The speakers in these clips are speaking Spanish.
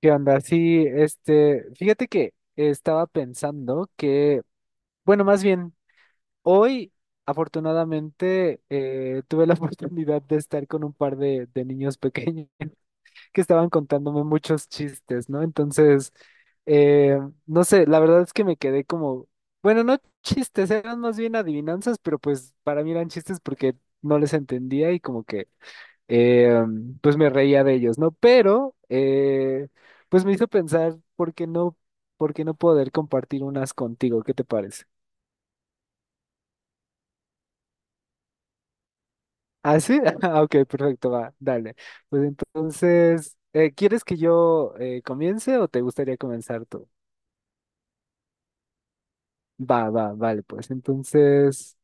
¿Qué onda? Sí, este, fíjate que estaba pensando que, bueno, más bien, hoy afortunadamente tuve la oportunidad de estar con un par de niños pequeños que estaban contándome muchos chistes, ¿no? Entonces, eh, no sé, la verdad es que me quedé como, bueno, no chistes, eran más bien adivinanzas, pero pues para mí eran chistes porque no les entendía y como que eh, pues me reía de ellos, ¿no? Pero, pues me hizo pensar, ¿por qué no poder compartir unas contigo? ¿Qué te parece? ¿Ah, sí? Ah, ok, perfecto, va, dale. Pues entonces, ¿quieres que yo comience o te gustaría comenzar tú? Va, va, vale, pues entonces,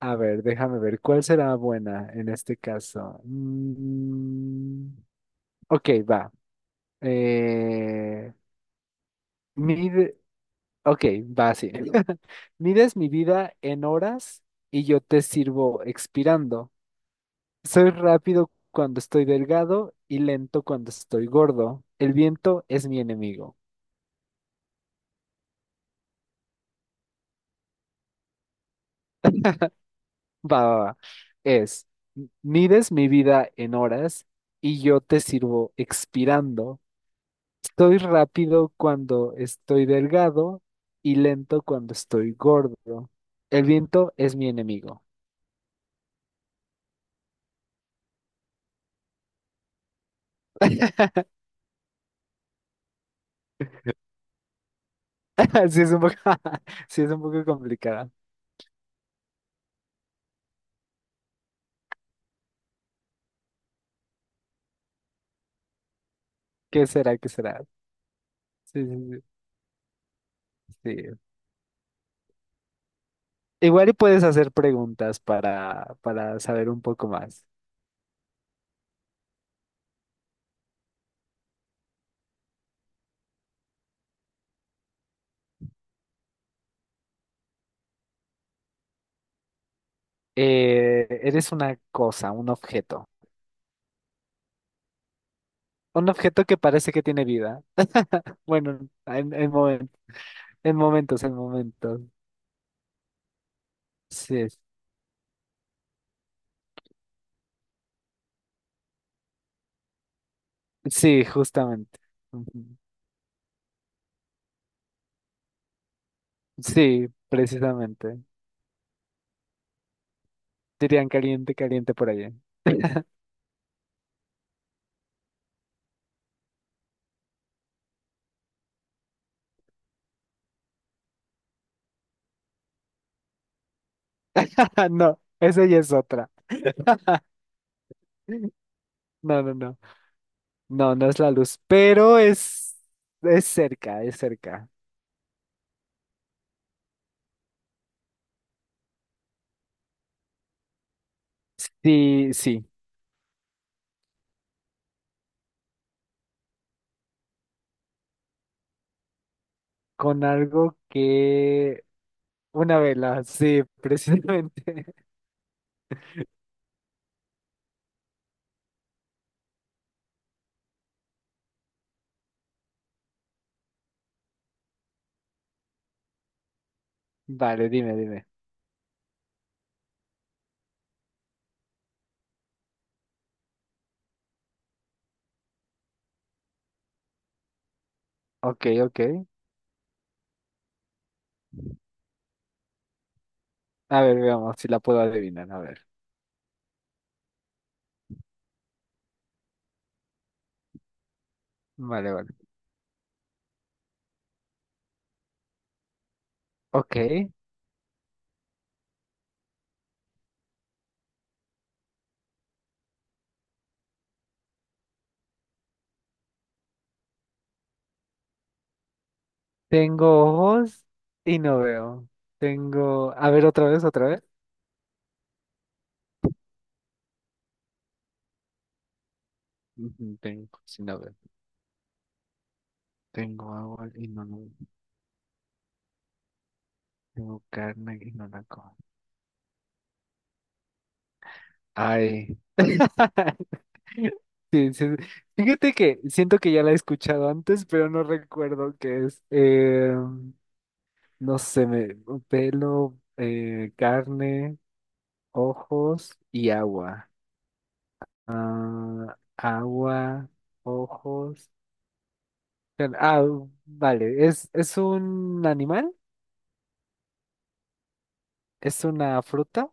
a ver, déjame ver, ¿cuál será buena en este caso? Mm, ok, va. Eh, mide- Ok, va así. Mides mi vida en horas y yo te sirvo expirando. Soy rápido cuando estoy delgado y lento cuando estoy gordo. El viento es mi enemigo. Va, va, va. Es, Mides mi vida en horas y yo te sirvo expirando. Soy rápido cuando estoy delgado y lento cuando estoy gordo. El viento es mi enemigo. Sí, es un poco, sí, es un poco complicada. ¿Qué será? ¿Qué será? Sí, sí, sí. Sí. Igual y puedes hacer preguntas para saber un poco más. Eres una cosa, un objeto. Un objeto que parece que tiene vida. Bueno, en, en, momen- en momentos, en momentos. Sí, sí, justamente. Ujú. Sí, precisamente. Dirían caliente, caliente por allá. Ah, no, esa ya es otra. No, no, no. No, no es la luz, pero es cerca, es cerca. Sí, sí, con algo que. Una vela, sí, precisamente. Vale, dime, dime. Ok, ok. A ver, veamos si la puedo adivinar. A ver. Vale, vale. Ok. Tengo ojos y no veo. A ver, otra vez, otra vez. Ujú, tengo ojos y no veo. Tengo agua y no la. Tengo carne y no la como. Ay. Sí, sí. Fíjate que siento que ya la he escuchado antes, pero no recuerdo qué es. No sé, pelo, carne, ojos y agua. Ah, agua, ojos. Carne. Ah, vale. ¿Es un animal? ¿Es una fruta?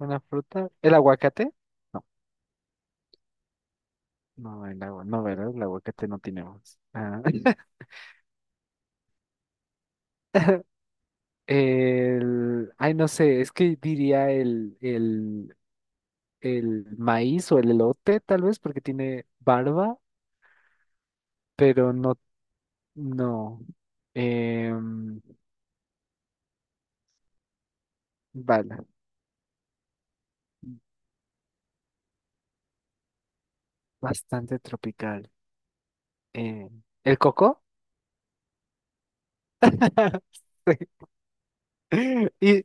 ¿Una fruta? ¿El aguacate? No, no, el agua, no, ¿verdad? El aguacate no tiene ojos. Ah, ay, no sé, es que diría el, maíz o el elote, tal vez, porque tiene barba, pero no. No. Eh, vale. Bastante tropical. Eh, ¿El coco? Sí. Y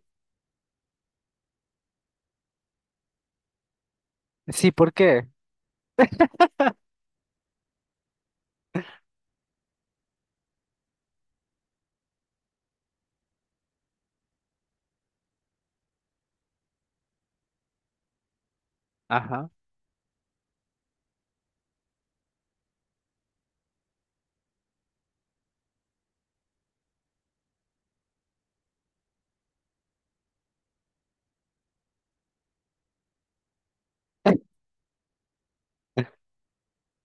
sí, ¿por qué? Ajá.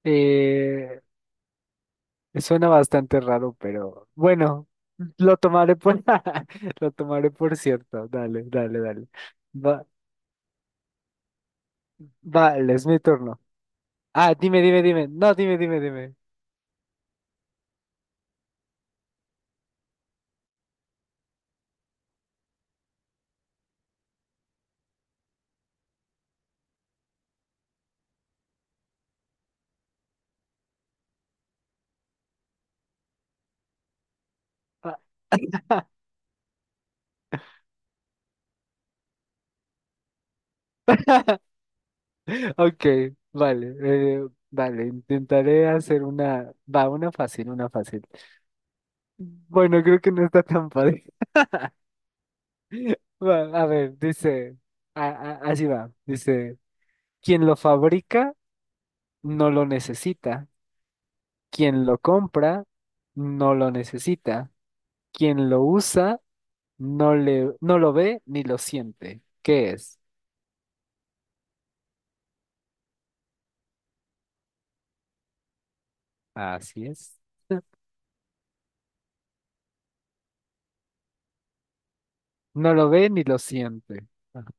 Eh, suena bastante raro, pero bueno, lo tomaré por lo tomaré por cierto. Dale, dale, dale. Va, vale, es mi turno. Ah, dime, dime, dime. No, dime, dime, dime. Ah. Ok, vale, eh, vale, intentaré hacer una, va, una fácil, una fácil. Bueno, creo que no está tan fácil. Va, a ver, dice, así va, dice, quien lo fabrica no lo necesita, quien lo compra no lo necesita, quien lo usa no lo ve ni lo siente. ¿Qué es? Así es. No lo ve ni lo siente. Ajá.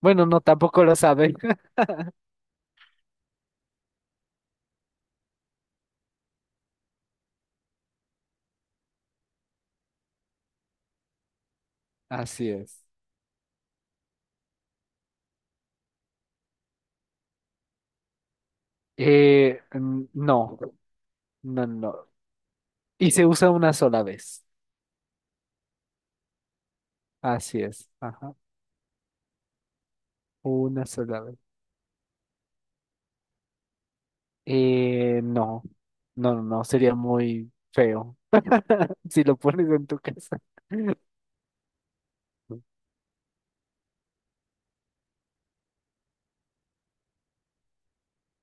Bueno, no, tampoco lo sabe. Así es. No, no, no. Y se usa una sola vez. Así es. Ajá. Una sola vez. No, no, no, no, sería muy feo si lo pones en tu casa.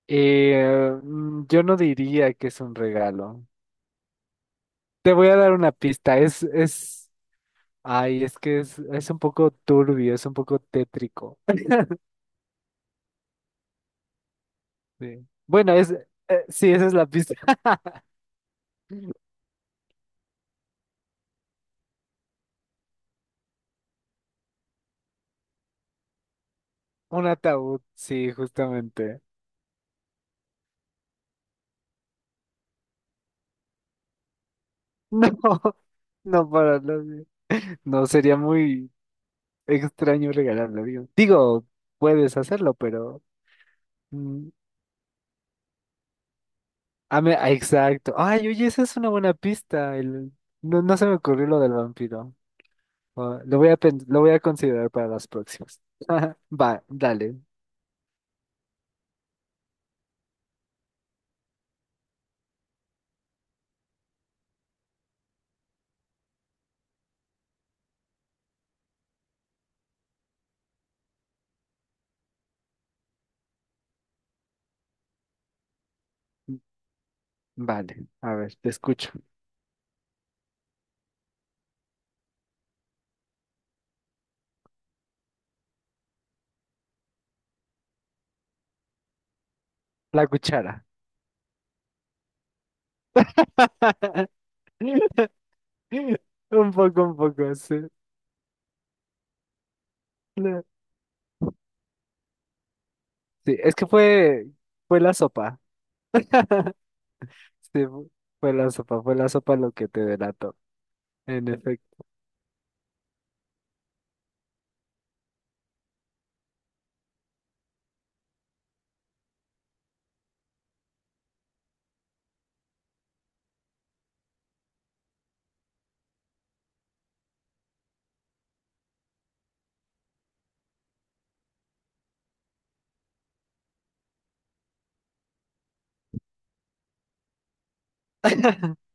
Yo no diría que es un regalo. Te voy a dar una pista. Ay, es que es, un poco turbio, es un poco tétrico. Sí. Bueno, sí, esa es la pista. Un ataúd, sí, justamente. No, no para nadie. No, sería muy extraño regalarlo, digo. Digo, puedes hacerlo, pero. Mm, a me- ah, exacto. Ay, oye, esa es una buena pista. No, no se me ocurrió lo del vampiro. Ah, lo voy a considerar para las próximas. Va, dale. Vale, a ver, te escucho. La cuchara. Un poco, sí. La- Sí, es que fue la sopa. Sí, fue la sopa lo que te delató. En efecto,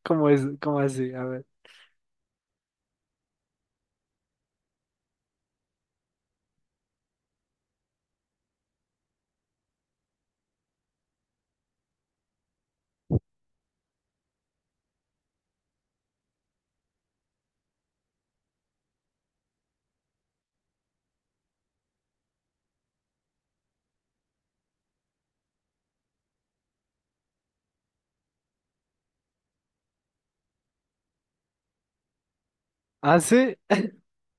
¿cómo es? ¿Cómo así? A ver. ¿Ah, sí?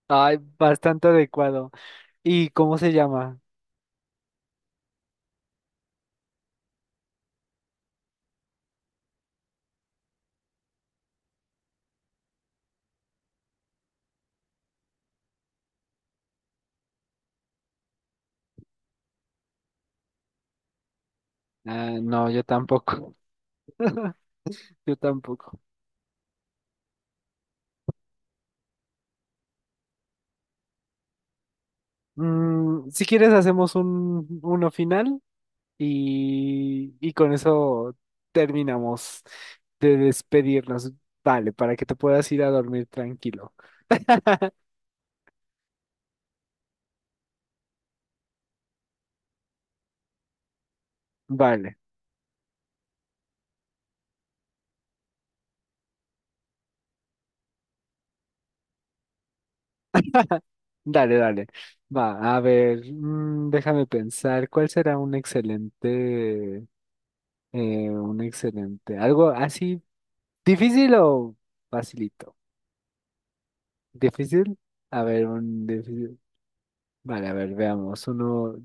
Ay, bastante adecuado. ¿Y cómo se llama? Ah, no, yo tampoco. Yo tampoco. Si quieres hacemos un uno final y con eso terminamos de despedirnos. Vale, para que te puedas ir a dormir tranquilo. Vale. Dale, dale. Va, a ver, déjame pensar, ¿cuál será un excelente, algo así, difícil o facilito? ¿Difícil? A ver, un difícil. Vale, a ver, veamos,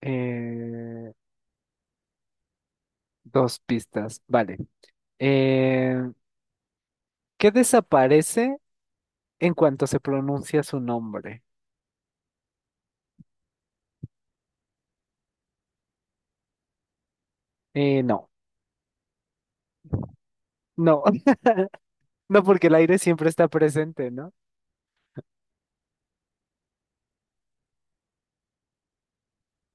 eh, dos pistas, vale. Eh, ¿Qué desaparece en cuanto se pronuncia su nombre? No, no, no, porque el aire siempre está presente, ¿no?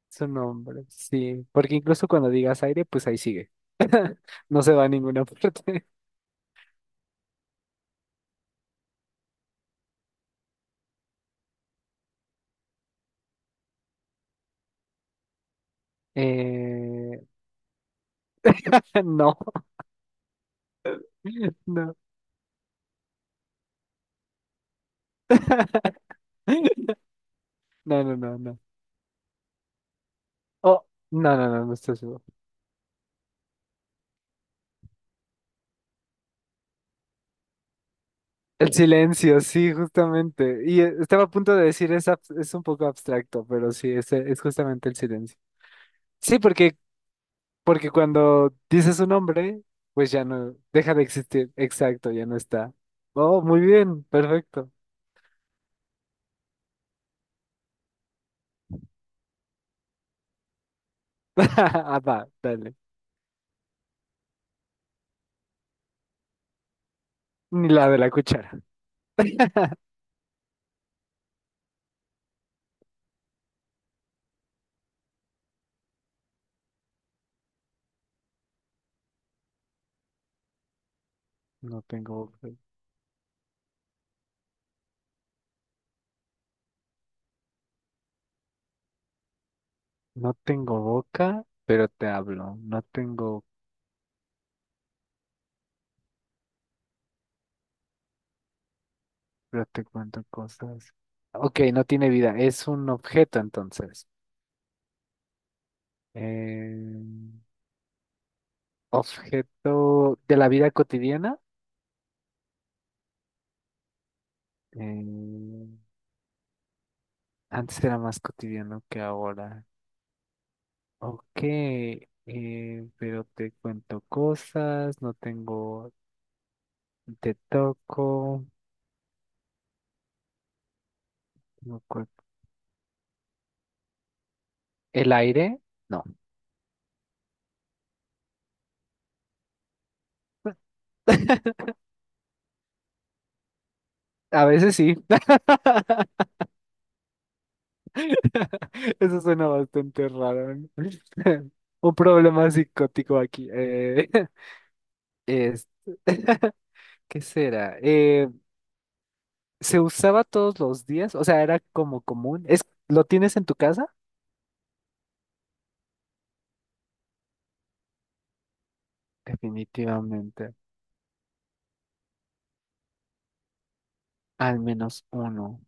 Su nombre, sí, porque incluso cuando digas aire, pues ahí sigue. No se va a ninguna parte. Eh, no, no. No, no, no, no. Oh, no, no, no, no estoy seguro. El silencio, sí, justamente. Y estaba a punto de decir es un poco abstracto, pero sí, es justamente el silencio. Sí, porque cuando dices un nombre, pues ya no, deja de existir. Exacto, ya no está. Oh, muy bien, perfecto. Ah, va, dale. Ni la de la cuchara. No tengo boca. No tengo boca, pero te hablo. No tengo, pero te cuento cosas. Ok, no tiene vida. Es un objeto entonces. Eh, objeto de la vida cotidiana. Eh, antes era más cotidiano que ahora. Ok, pero te cuento cosas. No tengo, te toco. no cuerpo- ¿El aire? No. A veces sí. Eso suena bastante raro, ¿no? Un problema psicótico aquí. Es- ¿Qué será? ¿Se usaba todos los días? O sea, era como común. ¿Lo tienes en tu casa? Definitivamente. Al menos uno.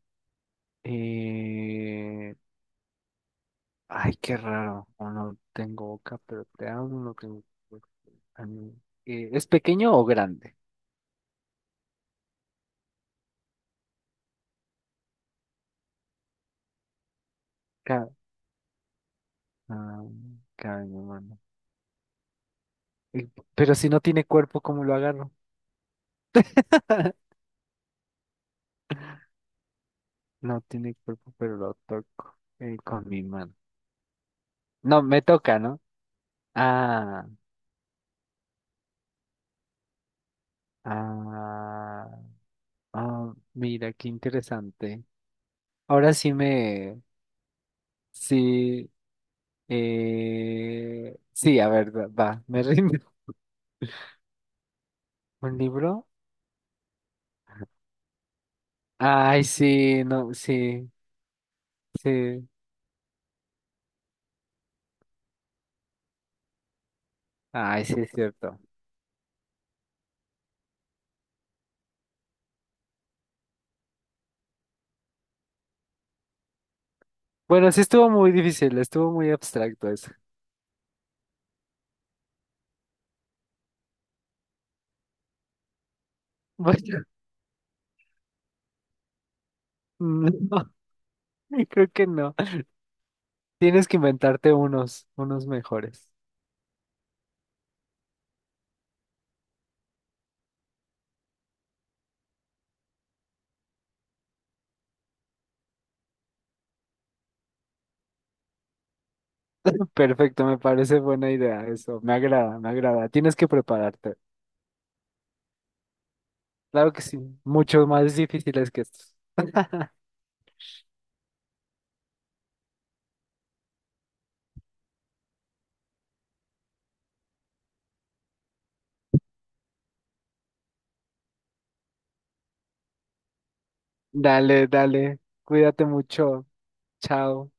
Eh, ay, qué raro. Uno tengo boca, pero te amo, no tengo boca. Ah, no. ¿Es pequeño o grande? Ca- ah, cabe en mi mano. Eh, Pero si no tiene cuerpo, ¿cómo lo agarro? No tiene cuerpo, pero lo toco con mi mano. No, me toca, ¿no? Ah, ah, ah, mira, qué interesante. Ahora sí sí, sí, a ver, va, va, me rindo. ¿Un libro? Ay, sí, no, sí, sí. Ay, sí, es cierto. Bueno, sí estuvo muy difícil, estuvo muy abstracto eso. Bueno, no, creo que no. Tienes que inventarte unos mejores. Perfecto, me parece buena idea eso. Me agrada, me agrada. Tienes que prepararte. Claro que sí, muchos más difíciles que estos. Dale, dale. Cuídate mucho. Chao.